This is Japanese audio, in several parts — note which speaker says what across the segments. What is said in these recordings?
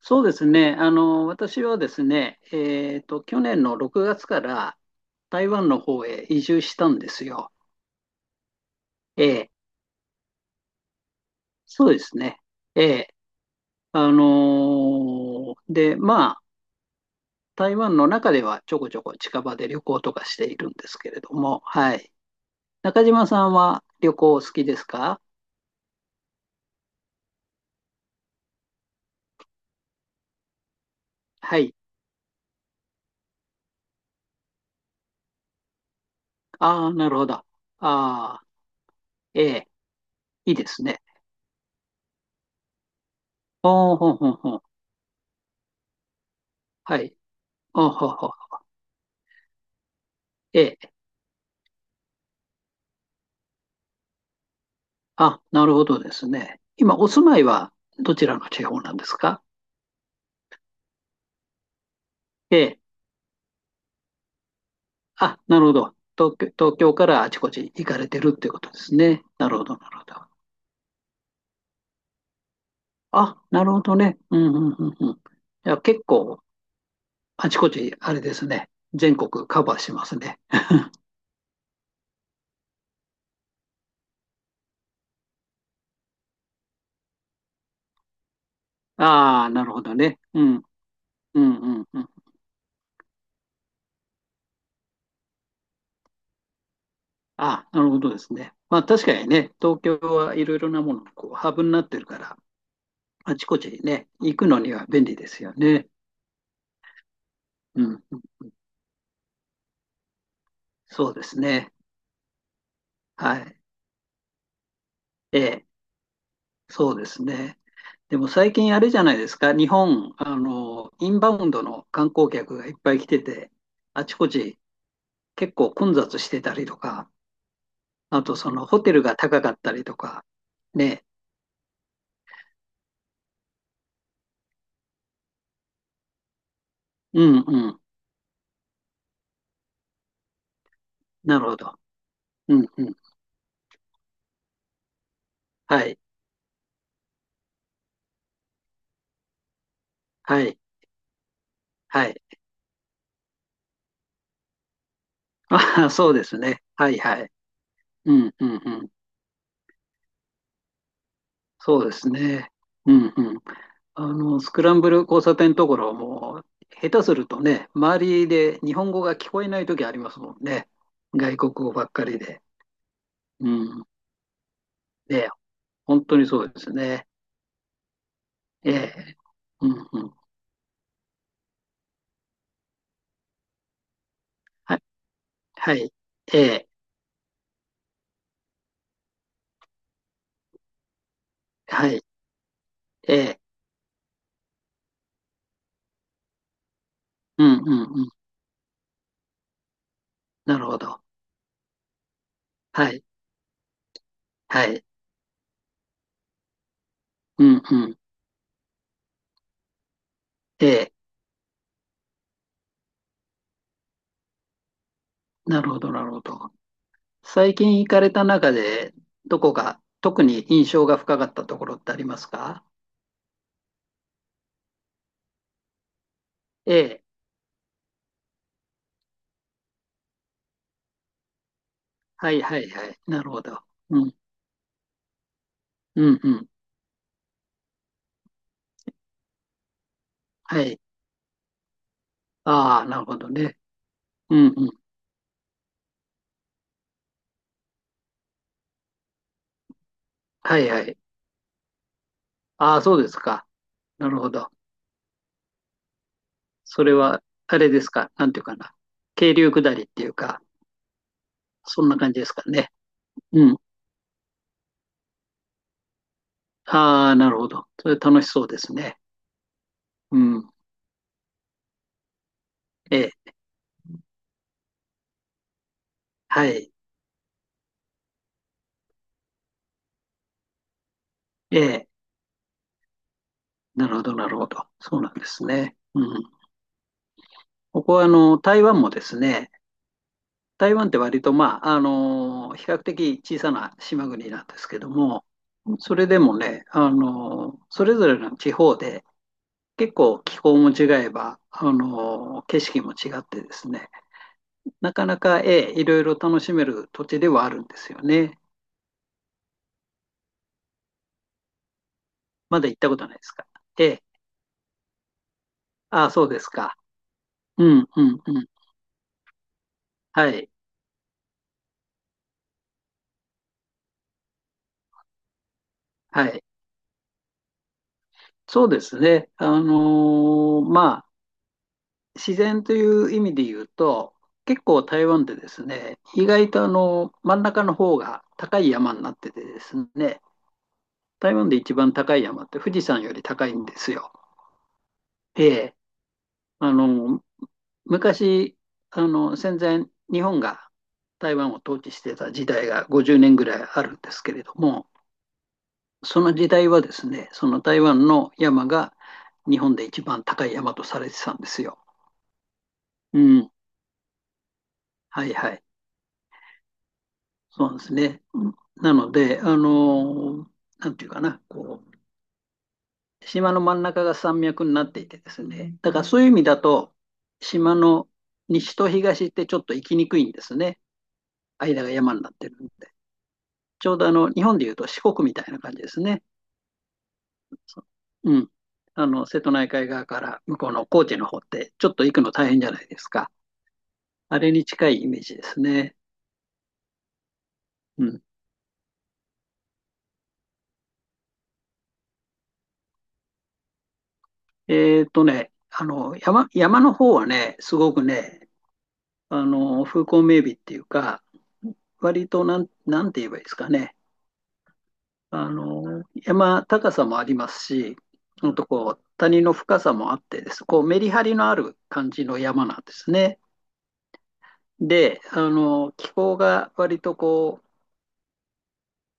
Speaker 1: そうですね。私はですね、去年の6月から台湾の方へ移住したんですよ。ええ、そうですね。ええ、で、まあ、台湾の中ではちょこちょこ近場で旅行とかしているんですけれども、はい。中島さんは旅行お好きですか？はい。ああ、なるほど。ああ、ええ、いいですね。ほうほうほうほう。はい。ほうほうほう。ええ、あ、なるほどですね。今、お住まいはどちらの地方なんですか？ええ。あ、なるほど。東京からあちこち行かれてるっていうことですね。なるほど、なるほど。あ、なるほどね。うん、うん、うん、うん。いや、結構、あちこち、あれですね。全国カバーしますね。ああ、なるほどね。うん、うん、うん、うん。あ、なるほどですね。まあ、確かにね、東京はいろいろなものがこうハブになってるから、あちこちにね、行くのには便利ですよね。うん、うん、そうですね。はい。ええ、そうですね。でも最近あれじゃないですか。日本、インバウンドの観光客がいっぱい来てて、あちこち結構混雑してたりとか、あとそのホテルが高かったりとか、ね。うんうん。なるほど。うんうん。はい。はい。はい。ああ、そうですね。はいはい。うんうんうん。そうですね。うんうん。あの、スクランブル交差点のところはもう、下手するとね、周りで日本語が聞こえないときありますもんね。外国語ばっかりで。うん。ね、本当にそうですね。ええ。うんうん。はい。はい。ええ。はい。ええ。うんうんうん。なるほど。はい。はい。うんうん。ええ。なるほど、なるほど。最近行かれた中で、どこが特に印象が深かったところってありますか？ええ。はいはいはい。なるほど。うんうんうん。はい。ああ、なるほどね。うんうん。はいはい。ああ、そうですか。なるほど。それは、あれですか。なんていうかな。渓流下りっていうか、そんな感じですかね。うん。ああ、なるほど。それ楽しそうですね。うん。ええ。はい。ええ。なるほど、なるほど。そうなんですね。うん。ここは、台湾もですね、台湾って割と、まあ、比較的小さな島国なんですけども、それでもね、それぞれの地方で結構気候も違えば、景色も違ってですね、なかなか、ええ、いろいろ楽しめる土地ではあるんですよね。まだ行ったことないですか？ええ、ああ、そうですか。うん、うん、うん。はい、はい。そうですね。自然という意味で言うと、結構台湾でですね、意外とあの真ん中の方が高い山になっててですね、台湾で一番高い山って富士山より高いんですよ。ええ、あの昔戦前日本が台湾を統治してた時代が50年ぐらいあるんですけれども、その時代はですね、その台湾の山が日本で一番高い山とされてたんですよ。うん、はいはい。そうですね。なので、なんていうかな、こう、島の真ん中が山脈になっていてですね、だからそういう意味だと、島の西と東ってちょっと行きにくいんですね。間が山になってるんで。ちょうど日本でいうと四国みたいな感じですね。そううん。瀬戸内海側から向こうの高知の方って、ちょっと行くの大変じゃないですか。あれに近いイメージですね。うん。山の方はね、すごくね、風光明媚っていうか、割となんて言えばいいですかね。山高さもありますし、ほんとこう、谷の深さもあってです。こう、メリハリのある感じの山なんですね。で、気候が割とこう、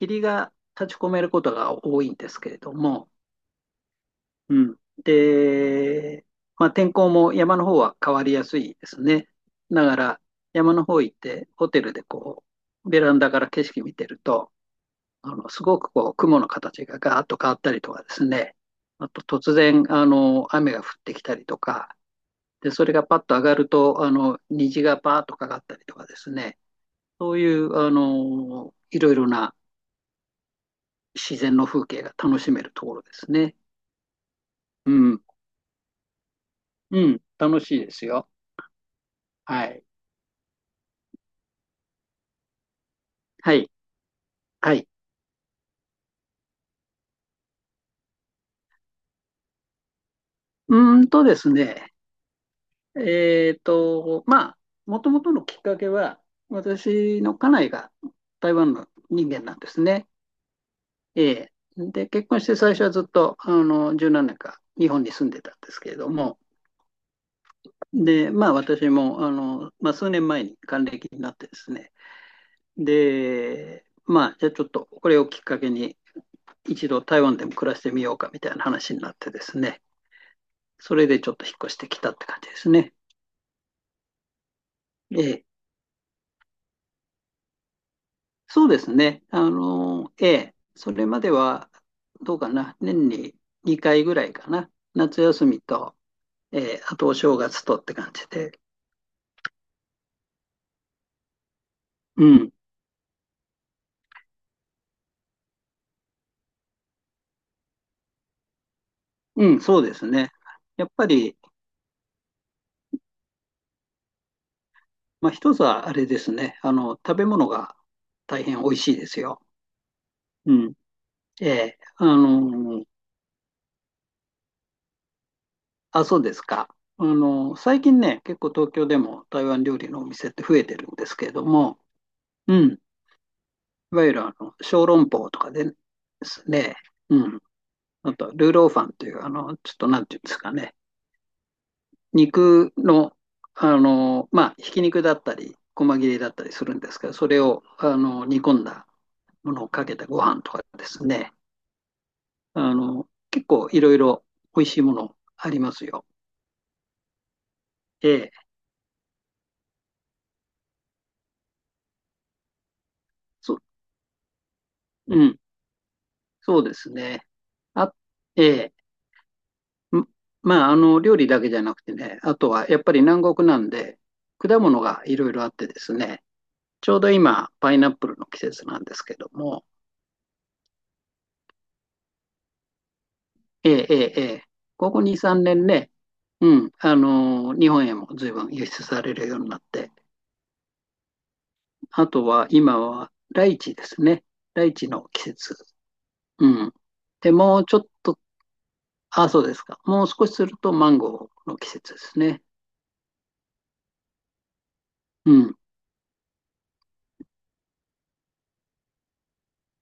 Speaker 1: 霧が立ち込めることが多いんですけれども、うん。で、まあ、天候も山の方は変わりやすいですね。だから、山の方行って、ホテルでこう、ベランダから景色見てると、すごくこう、雲の形がガーッと変わったりとかですね、あと突然、雨が降ってきたりとか、で、それがパッと上がると、虹がパーッとかかったりとかですね、そういう、いろいろな自然の風景が楽しめるところですね。うん、うん、楽しいですよ。はい、はい、はい。うーんとですね、まあ、もともとのきっかけは、私の家内が台湾の人間なんですね。えで、結婚して最初はずっと、1何年か日本に住んでたんですけれども、で、まあ私も、まあ数年前に還暦になってですね、で、まあじゃあちょっとこれをきっかけに、一度台湾でも暮らしてみようかみたいな話になってですね、それでちょっと引っ越してきたって感じですね。ええ。そうですね。ええ。それまでは、どうかな、年に2回ぐらいかな、夏休みと、ええ、あとお正月とって感じで、うん、うん、そうですね。やっぱり、まあ、一つはあれですね、食べ物が大変美味しいですよ。うん。ええ、あ、そうですか。最近ね、結構東京でも台湾料理のお店って増えてるんですけれども、うん、いわゆる小籠包とかでですね、うん、あと、ルーローファンという、ちょっとなんていうんですかね、肉の、まあ、ひき肉だったり、細切れだったりするんですけど、それを、煮込んだものをかけたご飯とかですね、結構いろいろ美味しいものありますよ。ええ、そ、うん、そうですね。あ、ええ、まあ、料理だけじゃなくてね、あとはやっぱり南国なんで、果物がいろいろあってですね、ちょうど今、パイナップルの季節なんですけども、ええ、ええ、ええ、ここ2、3年ねんね、うん、日本へも随分輸出されるようになって、あとは今はライチですね。ライチの季節。うん。で、もうちょっと、あ、そうですか。もう少しするとマンゴーの季節ですね。うん。